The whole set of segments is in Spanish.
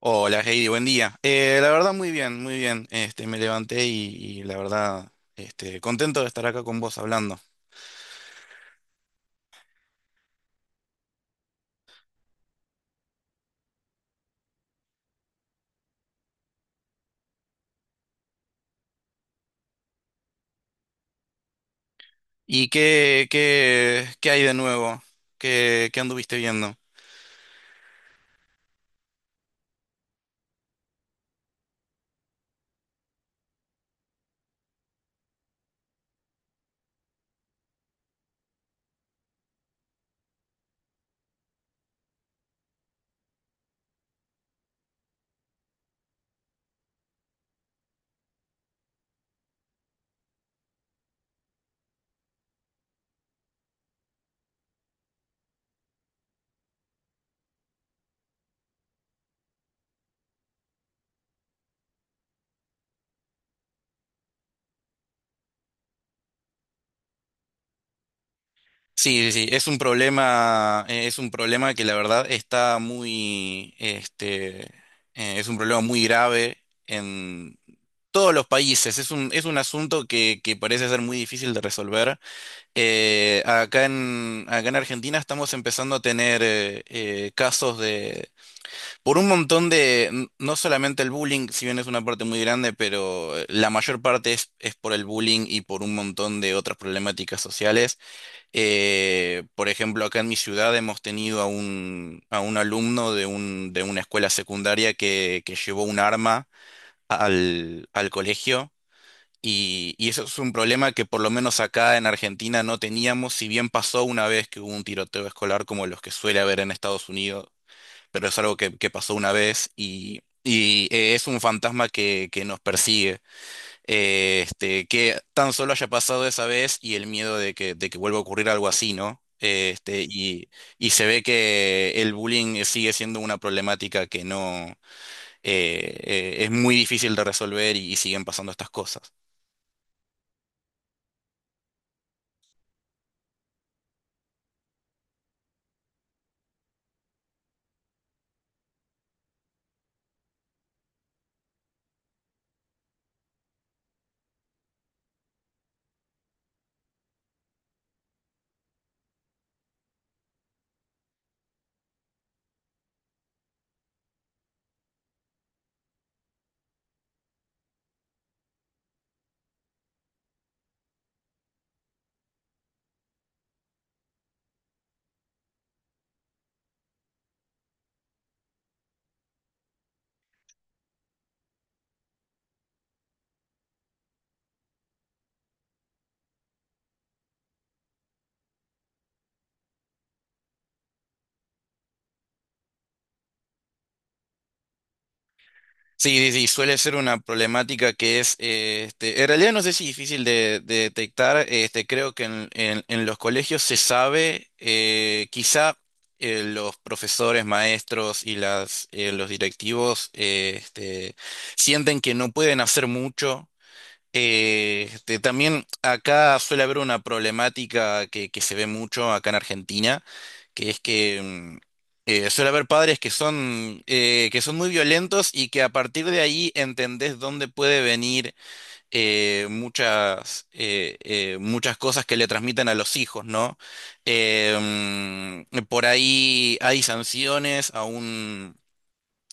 Hola Heidi, buen día. La verdad muy bien, muy bien. Me levanté y la verdad, contento de estar acá con vos hablando. ¿Y qué hay de nuevo? Qué anduviste viendo? Sí, sí, sí, es un problema que la verdad está muy, es un problema muy grave en todos los países. Es un asunto que parece ser muy difícil de resolver. Acá en Argentina estamos empezando a tener casos de, por un montón de, no solamente el bullying, si bien es una parte muy grande, pero la mayor parte es por el bullying y por un montón de otras problemáticas sociales. Por ejemplo, acá en mi ciudad hemos tenido a a un alumno de de una escuela secundaria que llevó un arma al colegio. Y eso es un problema que por lo menos acá en Argentina no teníamos, si bien pasó una vez que hubo un tiroteo escolar como los que suele haber en Estados Unidos, pero es algo que pasó una vez y es un fantasma que nos persigue. Que tan solo haya pasado esa vez y el miedo de que vuelva a ocurrir algo así, ¿no? Y se ve que el bullying sigue siendo una problemática que no es muy difícil de resolver y siguen pasando estas cosas. Sí, sí, sí, suele ser una problemática que es, en realidad no sé si difícil de detectar, creo que en los colegios se sabe, quizá los profesores, maestros y los directivos sienten que no pueden hacer mucho. También acá suele haber una problemática que se ve mucho acá en Argentina, que es que suele haber padres que son muy violentos y que a partir de ahí entendés dónde puede venir muchas, muchas cosas que le transmiten a los hijos, ¿no? Por ahí hay sanciones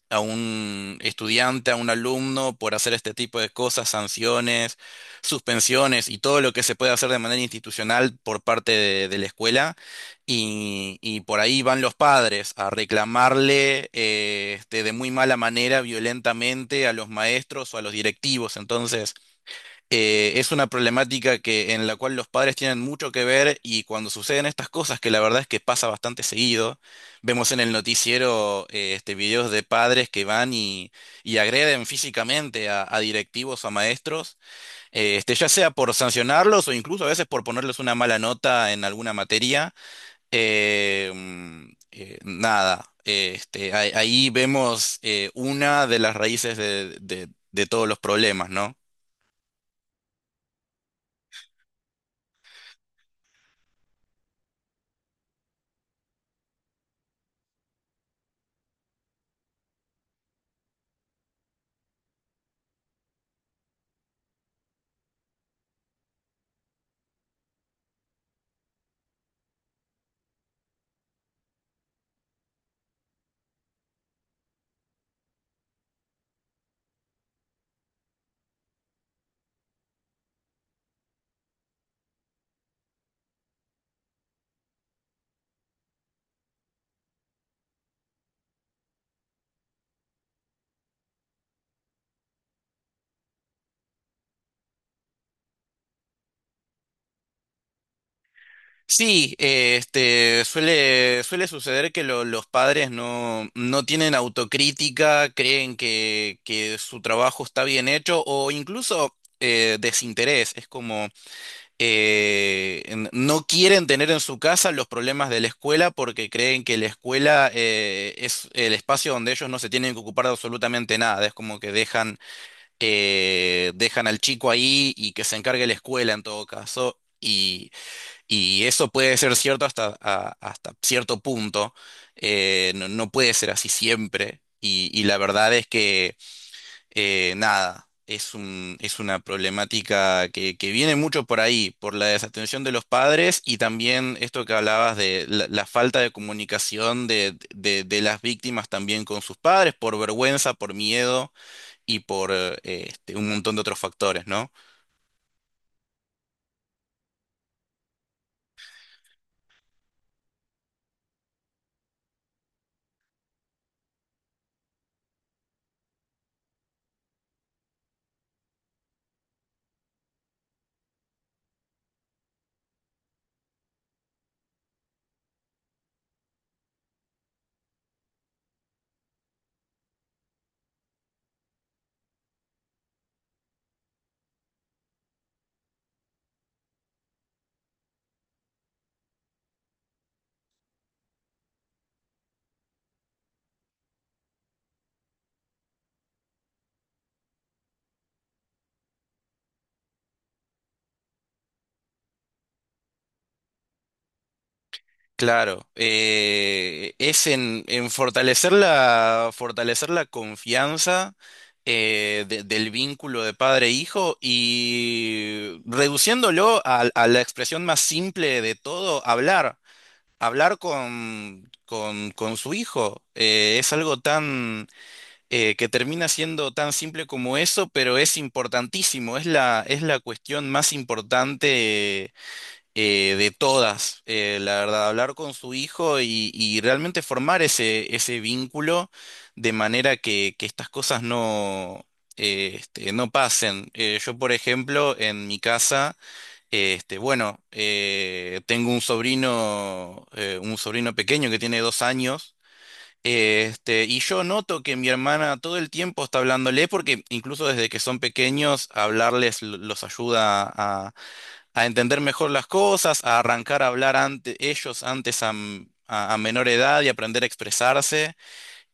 a un estudiante, a un alumno por hacer este tipo de cosas, sanciones, suspensiones y todo lo que se puede hacer de manera institucional por parte de la escuela. Y por ahí van los padres a reclamarle de muy mala manera, violentamente, a los maestros o a los directivos. Entonces, es una problemática que, en la cual los padres tienen mucho que ver, y cuando suceden estas cosas, que la verdad es que pasa bastante seguido, vemos en el noticiero videos de padres que van y agreden físicamente a directivos o a maestros, ya sea por sancionarlos o incluso a veces por ponerles una mala nota en alguna materia. Mm, nada, este, Ahí, ahí vemos una de las raíces de todos los problemas, ¿no? Sí, suele, suele suceder que los padres no, no tienen autocrítica, creen que su trabajo está bien hecho o incluso desinterés. Es como no quieren tener en su casa los problemas de la escuela, porque creen que la escuela es el espacio donde ellos no se tienen que ocupar de absolutamente nada. Es como que dejan, dejan al chico ahí y que se encargue la escuela en todo caso. Y eso puede ser cierto hasta, hasta cierto punto, no, no puede ser así siempre. Y la verdad es que, nada, es un, es una problemática que viene mucho por ahí, por la desatención de los padres y también esto que hablabas de la falta de comunicación de, de las víctimas también con sus padres, por vergüenza, por miedo y por un montón de otros factores, ¿no? Claro, es en fortalecer la confianza del vínculo de padre-hijo e hijo, y reduciéndolo a la expresión más simple de todo, hablar, hablar con su hijo. Es algo tan, que termina siendo tan simple como eso, pero es importantísimo, es es la cuestión más importante de todas, la verdad, hablar con su hijo y realmente formar ese, ese vínculo de manera que estas cosas no, no pasen. Yo, por ejemplo, en mi casa, bueno, tengo un sobrino pequeño que tiene 2 años. Y yo noto que mi hermana todo el tiempo está hablándole, porque incluso desde que son pequeños, hablarles los ayuda a entender mejor las cosas, a arrancar a hablar ante ellos antes a, a menor edad y aprender a expresarse.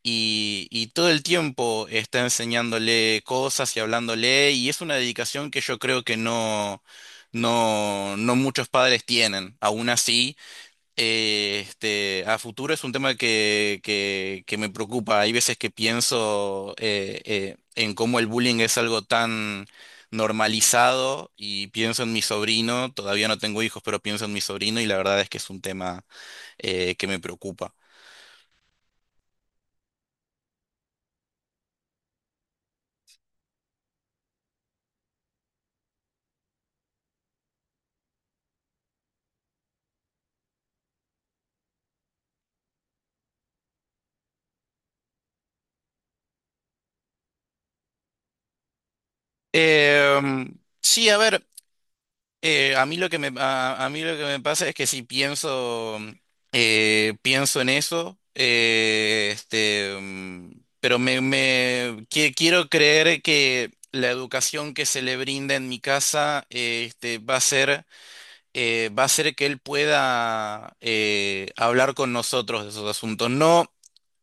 Y todo el tiempo está enseñándole cosas y hablándole, y es una dedicación que yo creo que no, no, no muchos padres tienen. Aún así, a futuro es un tema que me preocupa. Hay veces que pienso en cómo el bullying es algo tan normalizado, y pienso en mi sobrino, todavía no tengo hijos, pero pienso en mi sobrino y la verdad es que es un tema que me preocupa. Em, sí, a ver. A, a mí lo que me pasa es que si pienso, pienso en eso, pero me, quiero creer que la educación que se le brinda en mi casa, va a ser que él pueda, hablar con nosotros de esos asuntos. No,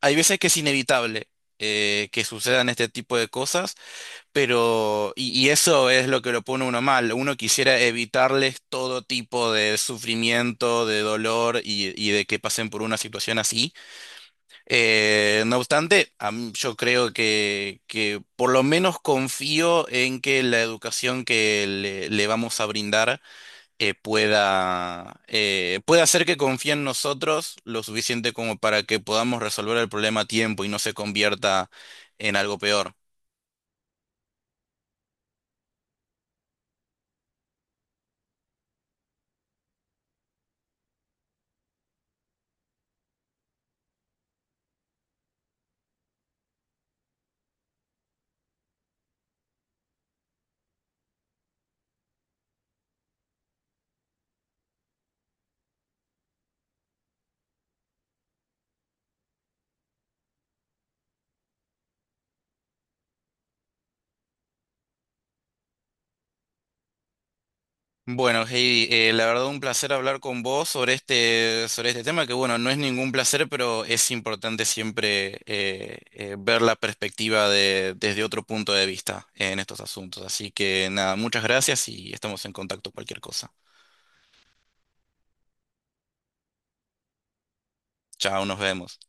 hay veces que es inevitable, que sucedan este tipo de cosas, pero, y eso es lo que lo pone uno mal. Uno quisiera evitarles todo tipo de sufrimiento, de dolor y de que pasen por una situación así. No obstante, yo creo que por lo menos confío en que la educación que le vamos a brindar pueda hacer que confíe en nosotros lo suficiente como para que podamos resolver el problema a tiempo y no se convierta en algo peor. Bueno, Heidi, la verdad un placer hablar con vos sobre este tema, que bueno, no es ningún placer, pero es importante siempre ver la perspectiva de, desde otro punto de vista en estos asuntos. Así que nada, muchas gracias y estamos en contacto cualquier cosa. Chao, nos vemos.